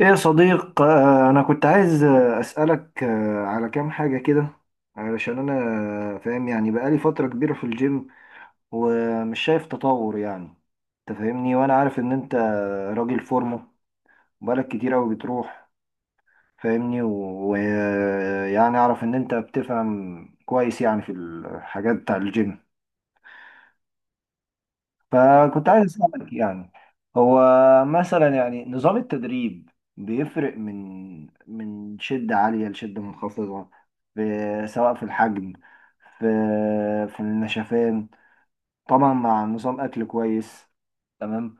ايه يا صديق، انا كنت عايز اسالك على كام حاجه كده. علشان انا فاهم يعني بقالي فتره كبيره في الجيم ومش شايف تطور يعني. انت فاهمني، وانا عارف ان انت راجل فورمه، بقالك كتير قوي بتروح، فاهمني. ويعني اعرف ان انت بتفهم كويس يعني في الحاجات بتاع الجيم. فكنت عايز أسألك يعني، هو مثلا يعني نظام التدريب بيفرق من شدة عالية لشدة منخفضة، في سواء في الحجم، في في النشفان، طبعا مع نظام أكل كويس، تمام.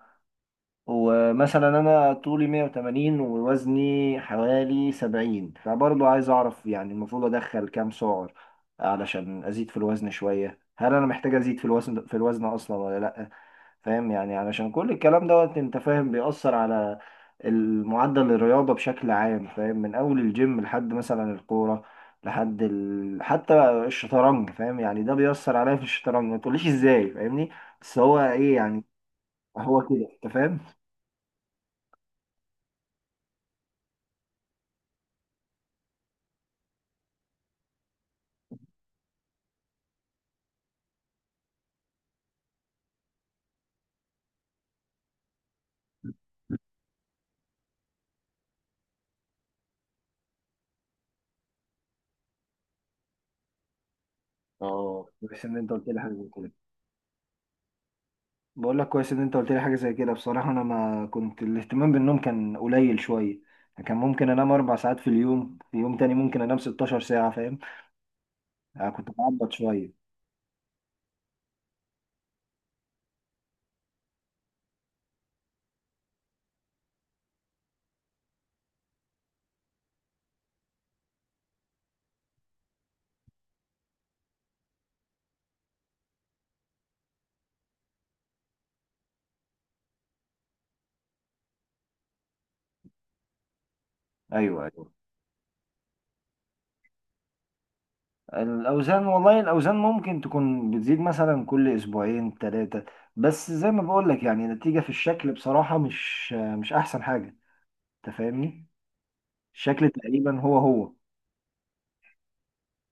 ومثلا أنا طولي 180 ووزني حوالي 70، فبرضه عايز أعرف يعني المفروض أدخل كام سعر علشان أزيد في الوزن شوية. هل أنا محتاج أزيد في الوزن أصلا ولا لأ؟ فاهم يعني، علشان كل الكلام دوت انت فاهم بيأثر على المعدل الرياضة بشكل عام. فاهم، من أول الجيم لحد مثلا الكورة لحد ال... حتى الشطرنج. فاهم يعني، ده بيأثر عليا في الشطرنج، ما تقوليش ازاي، فاهمني؟ بس هو ايه يعني. هو كده انت فاهم. اه، كويس ان انت قلت لي حاجة زي كده. بقول لك كويس ان انت قلت لي حاجة زي كده، بصراحة انا ما كنت الاهتمام بالنوم كان قليل شوية. كان ممكن انام اربع ساعات في اليوم، في يوم تاني ممكن انام 16 ساعة، فاهم؟ أنا كنت بعبط شوية. ايوه، ايوه. الاوزان، والله الاوزان ممكن تكون بتزيد مثلا كل اسبوعين ثلاثه، بس زي ما بقول لك يعني النتيجه في الشكل بصراحه مش احسن حاجه. انت فاهمني، الشكل تقريبا هو هو.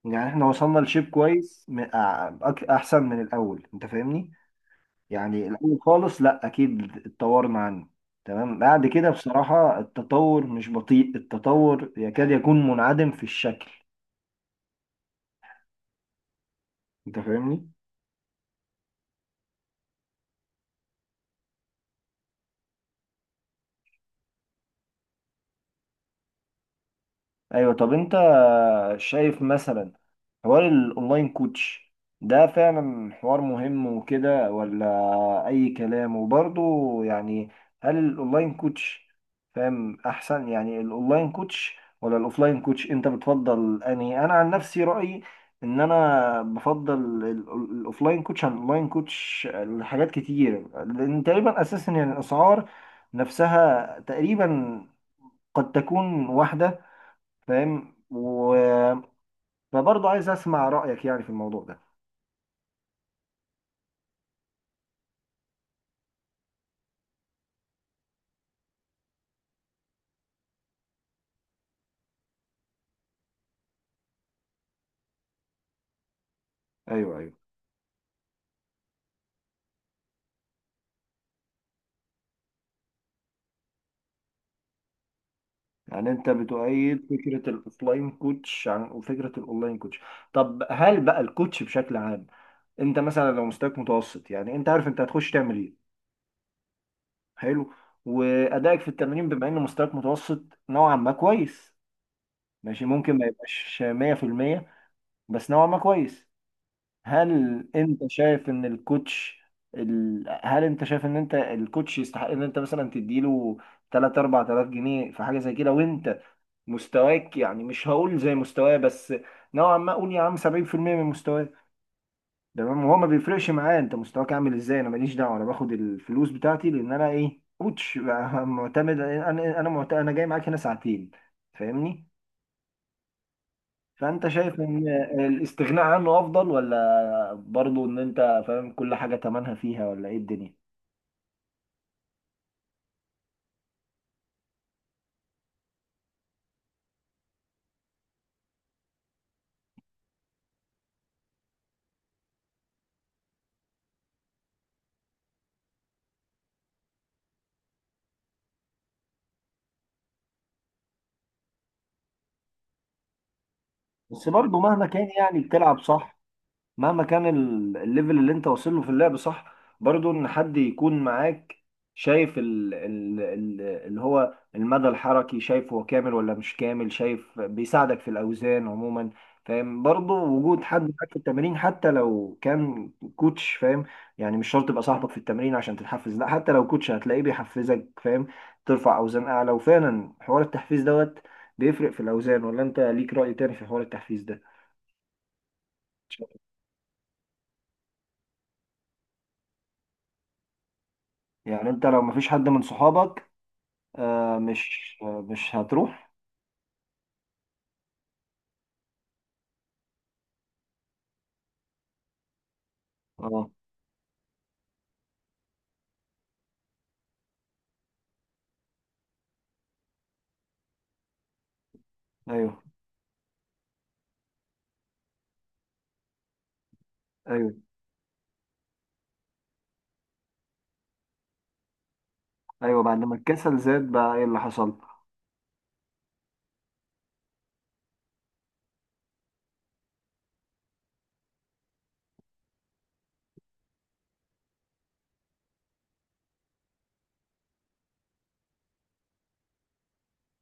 يعني احنا وصلنا لشيب كويس، احسن من الاول، انت فاهمني. يعني الاول خالص لا اكيد اتطورنا عنه، تمام. بعد كده بصراحه التطور مش بطيء، التطور يكاد يكون منعدم في الشكل، انت فاهمني. ايوه. طب انت شايف مثلا حوار الاونلاين كوتش ده فعلا حوار مهم وكده، ولا اي كلام؟ وبرضه يعني هل الاونلاين كوتش فاهم احسن؟ يعني الاونلاين كوتش ولا الاوفلاين كوتش انت بتفضل انهي؟ انا عن نفسي رأيي ان انا بفضل الاوفلاين كوتش عن الاونلاين كوتش لحاجات كتير، لان تقريبا اساسا يعني الاسعار نفسها تقريبا، قد تكون واحدة، فاهم. وبرضه عايز اسمع رايك يعني في الموضوع ده. ايوه، ايوه. يعني انت بتؤيد فكره الاوفلاين كوتش عن وفكره الاونلاين كوتش. طب هل بقى الكوتش بشكل عام، انت مثلا لو مستواك متوسط يعني انت عارف انت هتخش تعمل ايه، حلو، وادائك في التمرين بما ان مستواك متوسط نوعا ما كويس، ماشي، ممكن ما يبقاش 100%، بس نوعا ما كويس. هل انت شايف ان الكوتش ال... هل انت شايف ان انت الكوتش يستحق ان انت مثلا تديله 3 4000 جنيه في حاجه زي كده، وانت مستواك يعني مش هقول زي مستواه بس نوعا ما اقول يا عم 70% من مستواه، تمام؟ وهو ما بيفرقش معاه انت مستواك عامل ازاي، انا ماليش دعوه، انا باخد الفلوس بتاعتي لان انا ايه، كوتش بقى، معتمد، انا معتمد، انا جاي معاك هنا ساعتين، فاهمني. فانت شايف ان الاستغناء عنه افضل، ولا برضو ان انت فاهم كل حاجة تمنها فيها ولا ايه الدنيا؟ بس برضو مهما كان يعني بتلعب صح، مهما كان الليفل اللي انت واصل له في اللعب صح، برضو ان حد يكون معاك، شايف ال ال ال اللي هو المدى الحركي، شايف هو كامل ولا مش كامل، شايف بيساعدك في الاوزان عموما، فاهم. برضو وجود حد معاك في التمرين حتى لو كان كوتش، فاهم، يعني مش شرط يبقى صاحبك في التمرين عشان تتحفز، لا حتى لو كوتش هتلاقيه بيحفزك، فاهم، ترفع اوزان اعلى. وفعلا حوار التحفيز دوت بيفرق في الاوزان، ولا انت ليك رأي تاني في حوار التحفيز ده؟ يعني انت لو مفيش حد من صحابك، مش هتروح؟ اه. ايوه، ايوه، ايوه، بعد ما الكسل زاد بقى ايه اللي حصل؟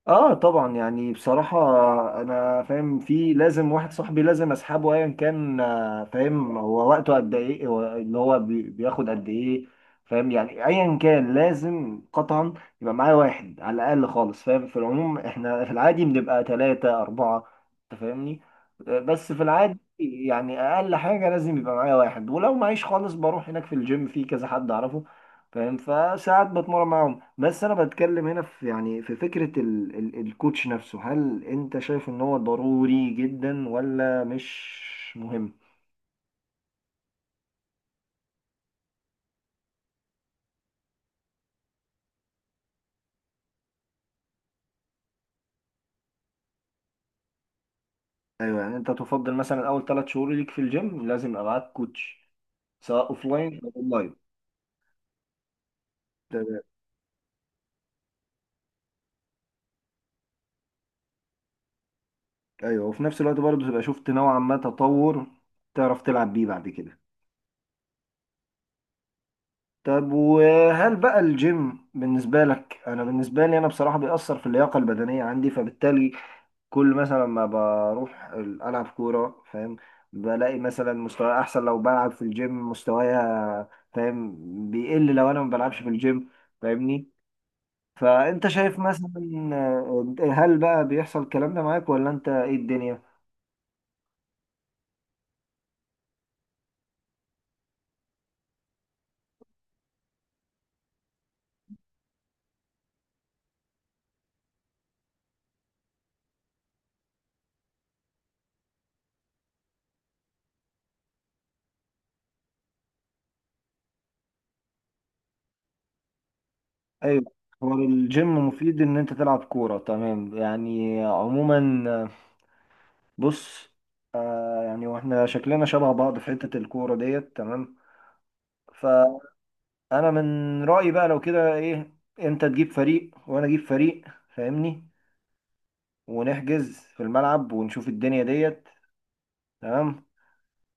اه طبعا، يعني بصراحة انا فاهم في لازم واحد صاحبي لازم اسحبه ايا كان، فاهم هو وقته قد ايه، هو اللي هو بياخد قد ايه، فاهم. يعني ايا كان لازم قطعا يبقى معايا واحد على الاقل خالص، فاهم، في العموم احنا في العادي بنبقى ثلاثة اربعة، انت فاهمني. بس في العادي يعني اقل حاجة لازم يبقى معايا واحد، ولو معيش خالص بروح هناك في الجيم في كذا حد اعرفه، فاهم، فساعات بتمرن معاهم. بس انا بتكلم هنا في يعني في فكرة ال ال الكوتش نفسه، هل انت شايف ان هو ضروري جدا ولا مش مهم؟ ايوه. يعني انت تفضل مثلا اول ثلاث شهور ليك في الجيم لازم يبقى معاك كوتش، سواء اوفلاين او اونلاين. تمام. ايوه، وفي نفس الوقت برضه تبقى شفت نوعا ما تطور، تعرف تلعب بيه بعد كده. طب وهل بقى الجيم بالنسبة لك؟ انا بالنسبة لي انا بصراحة بيأثر في اللياقة البدنية عندي، فبالتالي كل مثلا ما بروح ألعب كورة، فاهم، بلاقي مثلا مستواي أحسن لو بلعب في الجيم، مستوايا، فاهم، بيقل لو أنا ما بلعبش في الجيم، فاهمني. فأنت شايف مثلا هل بقى بيحصل الكلام ده معاك، ولا أنت إيه الدنيا؟ أيوه. هو الجيم مفيد إن أنت تلعب كورة، تمام يعني عموما. بص، يعني واحنا شكلنا شبه بعض في حتة الكورة ديت، تمام. انا من رأيي بقى لو كده ايه، انت تجيب فريق وانا اجيب فريق، فاهمني، ونحجز في الملعب ونشوف الدنيا ديت، تمام.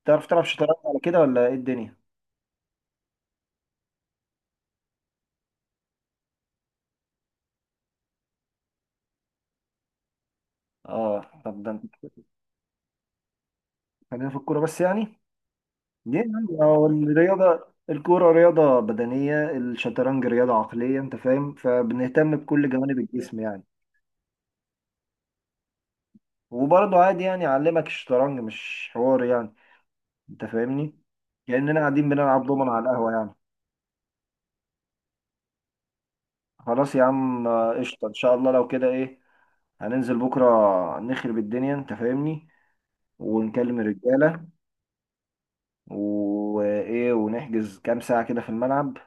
تعرف تلعب شطرنج على كده ولا ايه الدنيا؟ اه، طب ده انت خلينا في الكورة بس يعني ليه يعني؟ هو الرياضة، الكورة رياضة بدنية، الشطرنج رياضة عقلية، انت فاهم، فبنهتم بكل جوانب الجسم يعني. وبرضه عادي يعني اعلمك الشطرنج، مش حوار يعني، انت فاهمني، كأننا قاعدين بنلعب دومنا على القهوة يعني. خلاص يا عم، قشطة، ان شاء الله لو كده ايه هننزل بكرة نخرب الدنيا، انت فاهمني، ونكلم الرجالة، وايه، ونحجز كام ساعة كده في الملعب،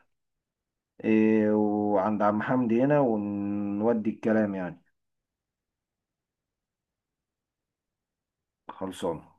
إيه، وعند عم حمدي هنا ونودي الكلام يعني. خلصان.